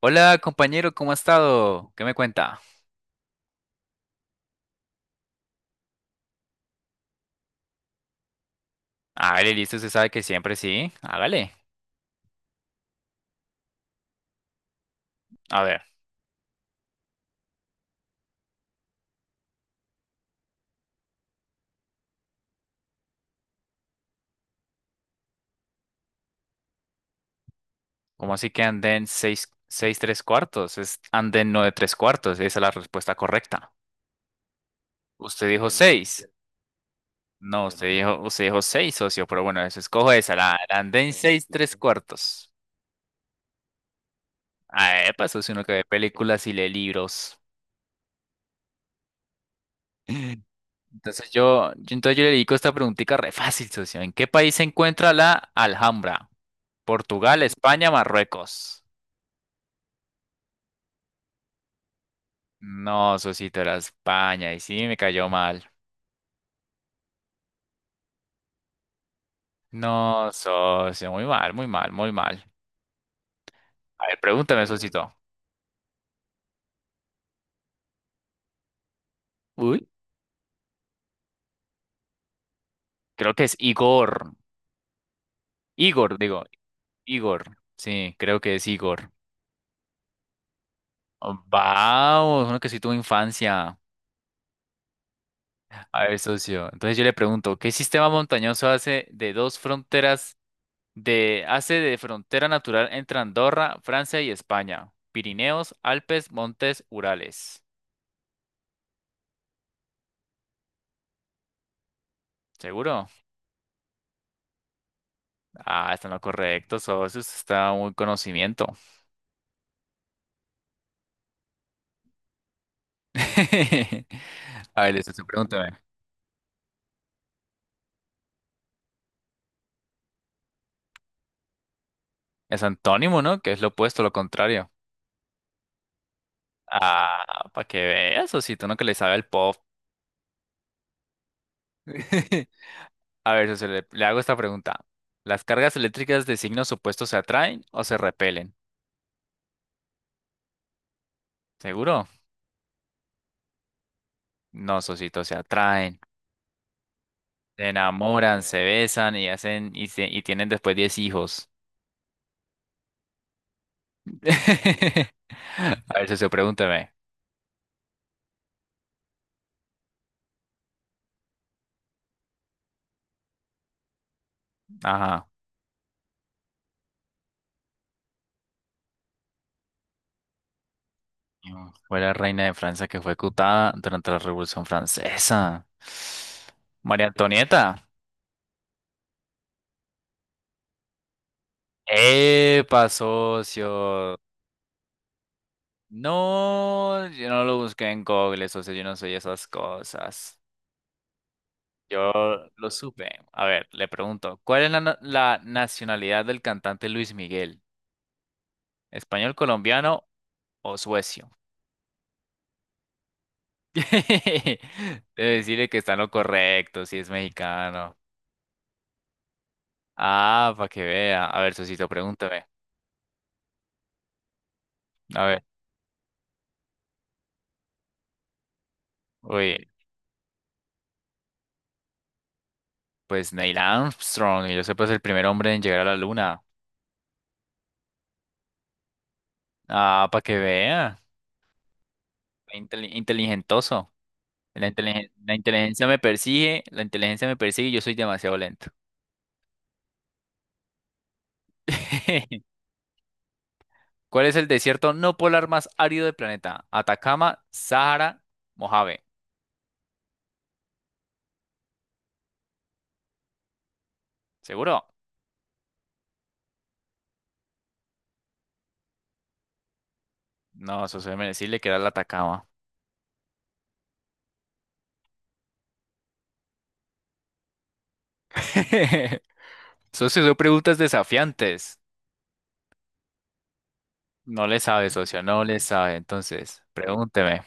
Hola compañero, ¿cómo ha estado? ¿Qué me cuenta? Hágale, listo, usted sabe que siempre sí. Hágale. A ver, ¿cómo así que anden 6 3 cuartos? Es anden 9 3 cuartos, esa es la respuesta correcta. Usted dijo 6. No, usted dijo 6, socio, pero bueno, eso escojo esa, la anden 6 3 cuartos. Ah, epa, eso es uno que ve películas y lee libros. Entonces yo le dedico esta preguntita re fácil, socio. ¿En qué país se encuentra la Alhambra? Portugal, España, Marruecos. No, socito, era España y sí me cayó mal. No, socio, muy mal, muy mal, muy mal. A ver, pregúntame, socito. Uy. Creo que es Igor. Igor, digo, Igor. Sí, creo que es Igor. Oh, vamos, uno que sí tuvo infancia. A ver, socio. Entonces yo le pregunto, ¿qué sistema montañoso hace de dos fronteras de hace de frontera natural entre Andorra, Francia y España? Pirineos, Alpes, Montes, Urales. ¿Seguro? Ah, está en lo correcto, socio. Usted está muy conocimiento. A ver, listo, usted pregúntame. Es antónimo, ¿no? Que es lo opuesto, lo contrario. Ah, para que veas, socito, uno que le sabe al pop. A ver, socio, le hago esta pregunta. ¿Las cargas eléctricas de signos opuestos se atraen o se repelen? ¿Seguro? No, socito, se atraen. Se enamoran, se besan y y tienen después 10 hijos. A ver, socio, pregúntame. Ajá. Mm. Fue la reina de Francia que fue ejecutada durante la Revolución Francesa. María Antonieta. ¡Epa, socio! No, yo no lo busqué en Google, socio, yo no soy esas cosas. Yo lo supe. A ver, le pregunto, ¿cuál es la nacionalidad del cantante Luis Miguel? ¿Español, colombiano o suecio? Debe decirle que está en lo correcto, si es mexicano. Ah, para que vea. A ver, socito, pregúntame. A ver. Uy, pues Neil Armstrong, y yo sé, pues el primer hombre en llegar a la luna. Ah, para que vea. Inteligentoso. La inteligencia me persigue, la inteligencia me persigue y yo soy demasiado lento. ¿Cuál es el desierto no polar más árido del planeta? Atacama, Sahara, Mojave. ¿Seguro? No, eso se me decirle que era el Atacama. Socio, son preguntas desafiantes. No le sabe, socio, no le sabe. Entonces, pregúnteme.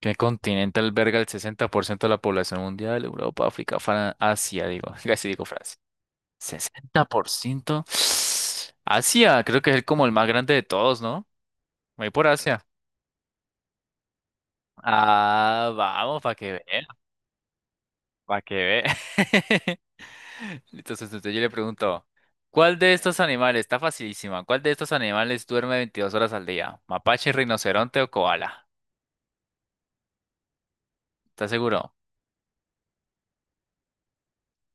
¿Qué continente alberga el 60% de la población mundial? Europa, África, Asia, digo. Casi digo Francia. 60%. Asia, creo que como el más grande de todos, ¿no? Voy por Asia. Ah, vamos, para que vea. Entonces yo le pregunto, ¿cuál de estos animales, está facilísima, cuál de estos animales duerme 22 horas al día? ¿Mapache, rinoceronte o koala? ¿Estás seguro?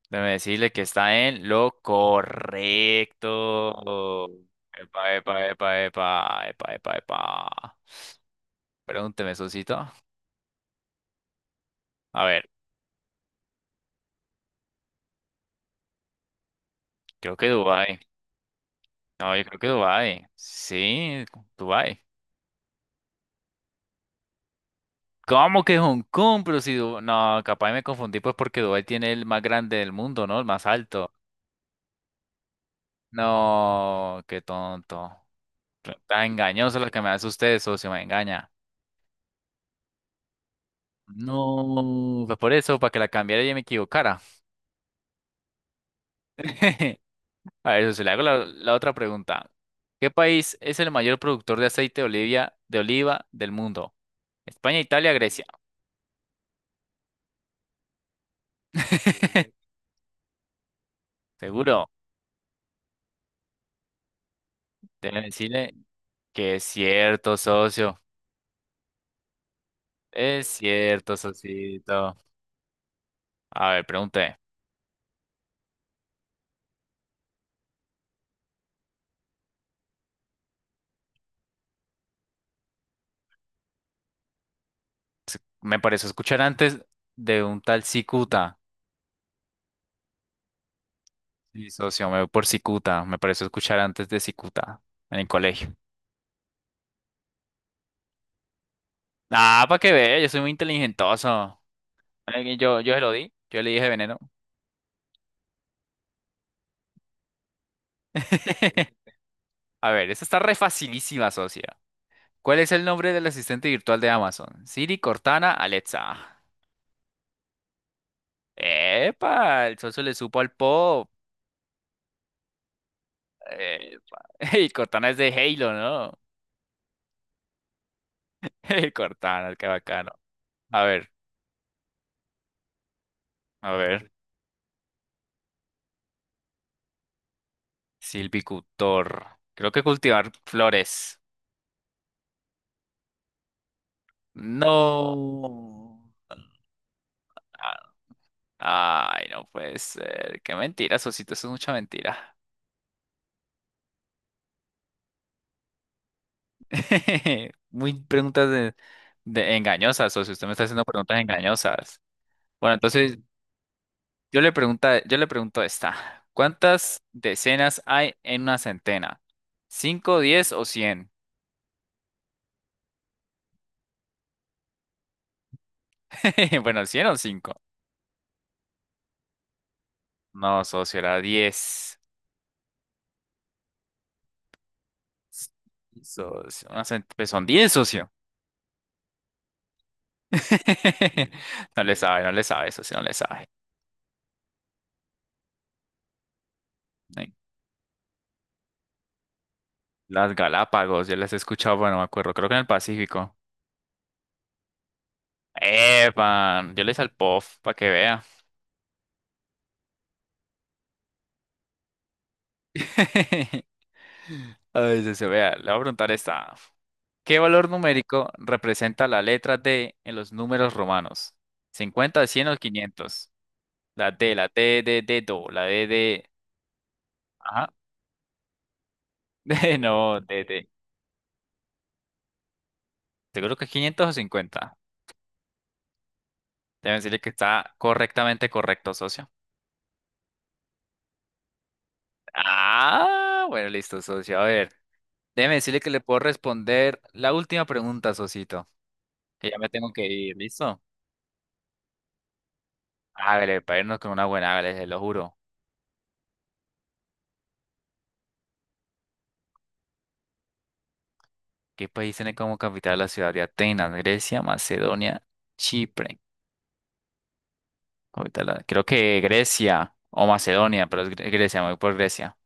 Déjame decirle que está en lo correcto. Epa, epa, epa, epa, epa, epa, epa. Pregúnteme, Sosito. A ver, creo que Dubái. No, yo creo que Dubái. Sí, Dubái. ¿Cómo que Hong Kong? Pero si no, capaz me confundí pues porque Dubái tiene el más grande del mundo, ¿no? El más alto. No, qué tonto. Está engañoso lo que me hace usted, socio, me engaña. No, pues por eso, para que la cambiara y me equivocara. A ver, se le hago la otra pregunta. ¿Qué país es el mayor productor de aceite de oliva del mundo? España, Italia, Grecia. Seguro. Deben decirle que es cierto, socio. Es cierto, socito. A ver, pregunté. Me pareció escuchar antes de un tal Cicuta. Sí, socio, me voy por Cicuta. Me pareció escuchar antes de Cicuta en el colegio. Ah, para que vea, yo soy muy inteligentoso. Yo se lo di. Yo le dije veneno. A ver, esta está re facilísima, socia. ¿Cuál es el nombre del asistente virtual de Amazon? Siri, Cortana, Alexa. Epa, el socio le supo al pop. Epa. Y Cortana es de Halo, ¿no? Cortana, qué bacano. A ver, a ver. Silvicultor. Creo que cultivar flores. No. Ay, no puede ser. Qué mentira, socito. Eso es mucha mentira. Muy preguntas de engañosas, o si usted me está haciendo preguntas engañosas. Bueno, entonces yo le pregunto esta. ¿Cuántas decenas hay en una centena? ¿Cinco, diez o cien? Bueno, cien o cinco. No, socio, era diez. Socio, pues son diez, socio. No le sabe, no le sabe, socio, no le sabe. Ay, las Galápagos, yo las he escuchado, bueno, me acuerdo, creo que en el Pacífico. ¡Epa! Yo les al POF, para que vean. A veces se vea, le voy a preguntar esta. ¿Qué valor numérico representa la letra D en los números romanos? 50, 100 o 500. La D, D, D, Do, la D, D. Ajá. D, no, D, D. Seguro que 500 o 50. Deben decirle que está correctamente correcto, socio. Ah, bueno, listo, socio. A ver, déjeme decirle que le puedo responder la última pregunta, socito. Que ya me tengo que ir, ¿listo? Hágale, para irnos con una buena, hágale, se lo juro. ¿Qué país tiene como capital la ciudad de Atenas? Grecia, Macedonia, Chipre. Creo que Grecia o Macedonia, pero es Grecia, me voy por Grecia.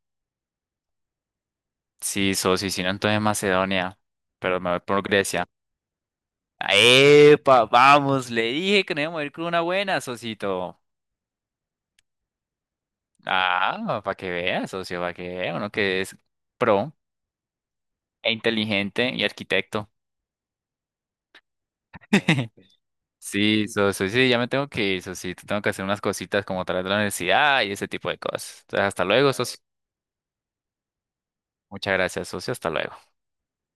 Sí, sí, si no, entonces Macedonia, pero me voy por Grecia. ¡Epa! Vamos, le dije que nos íbamos a ir con una buena, socito. Ah, para que veas, socio, para que vea uno que es pro e inteligente y arquitecto. Sí, sí, ya me tengo que ir, sí, tengo que hacer unas cositas como tras la universidad y ese tipo de cosas. Entonces, hasta luego, socio. Muchas gracias, socio, hasta luego.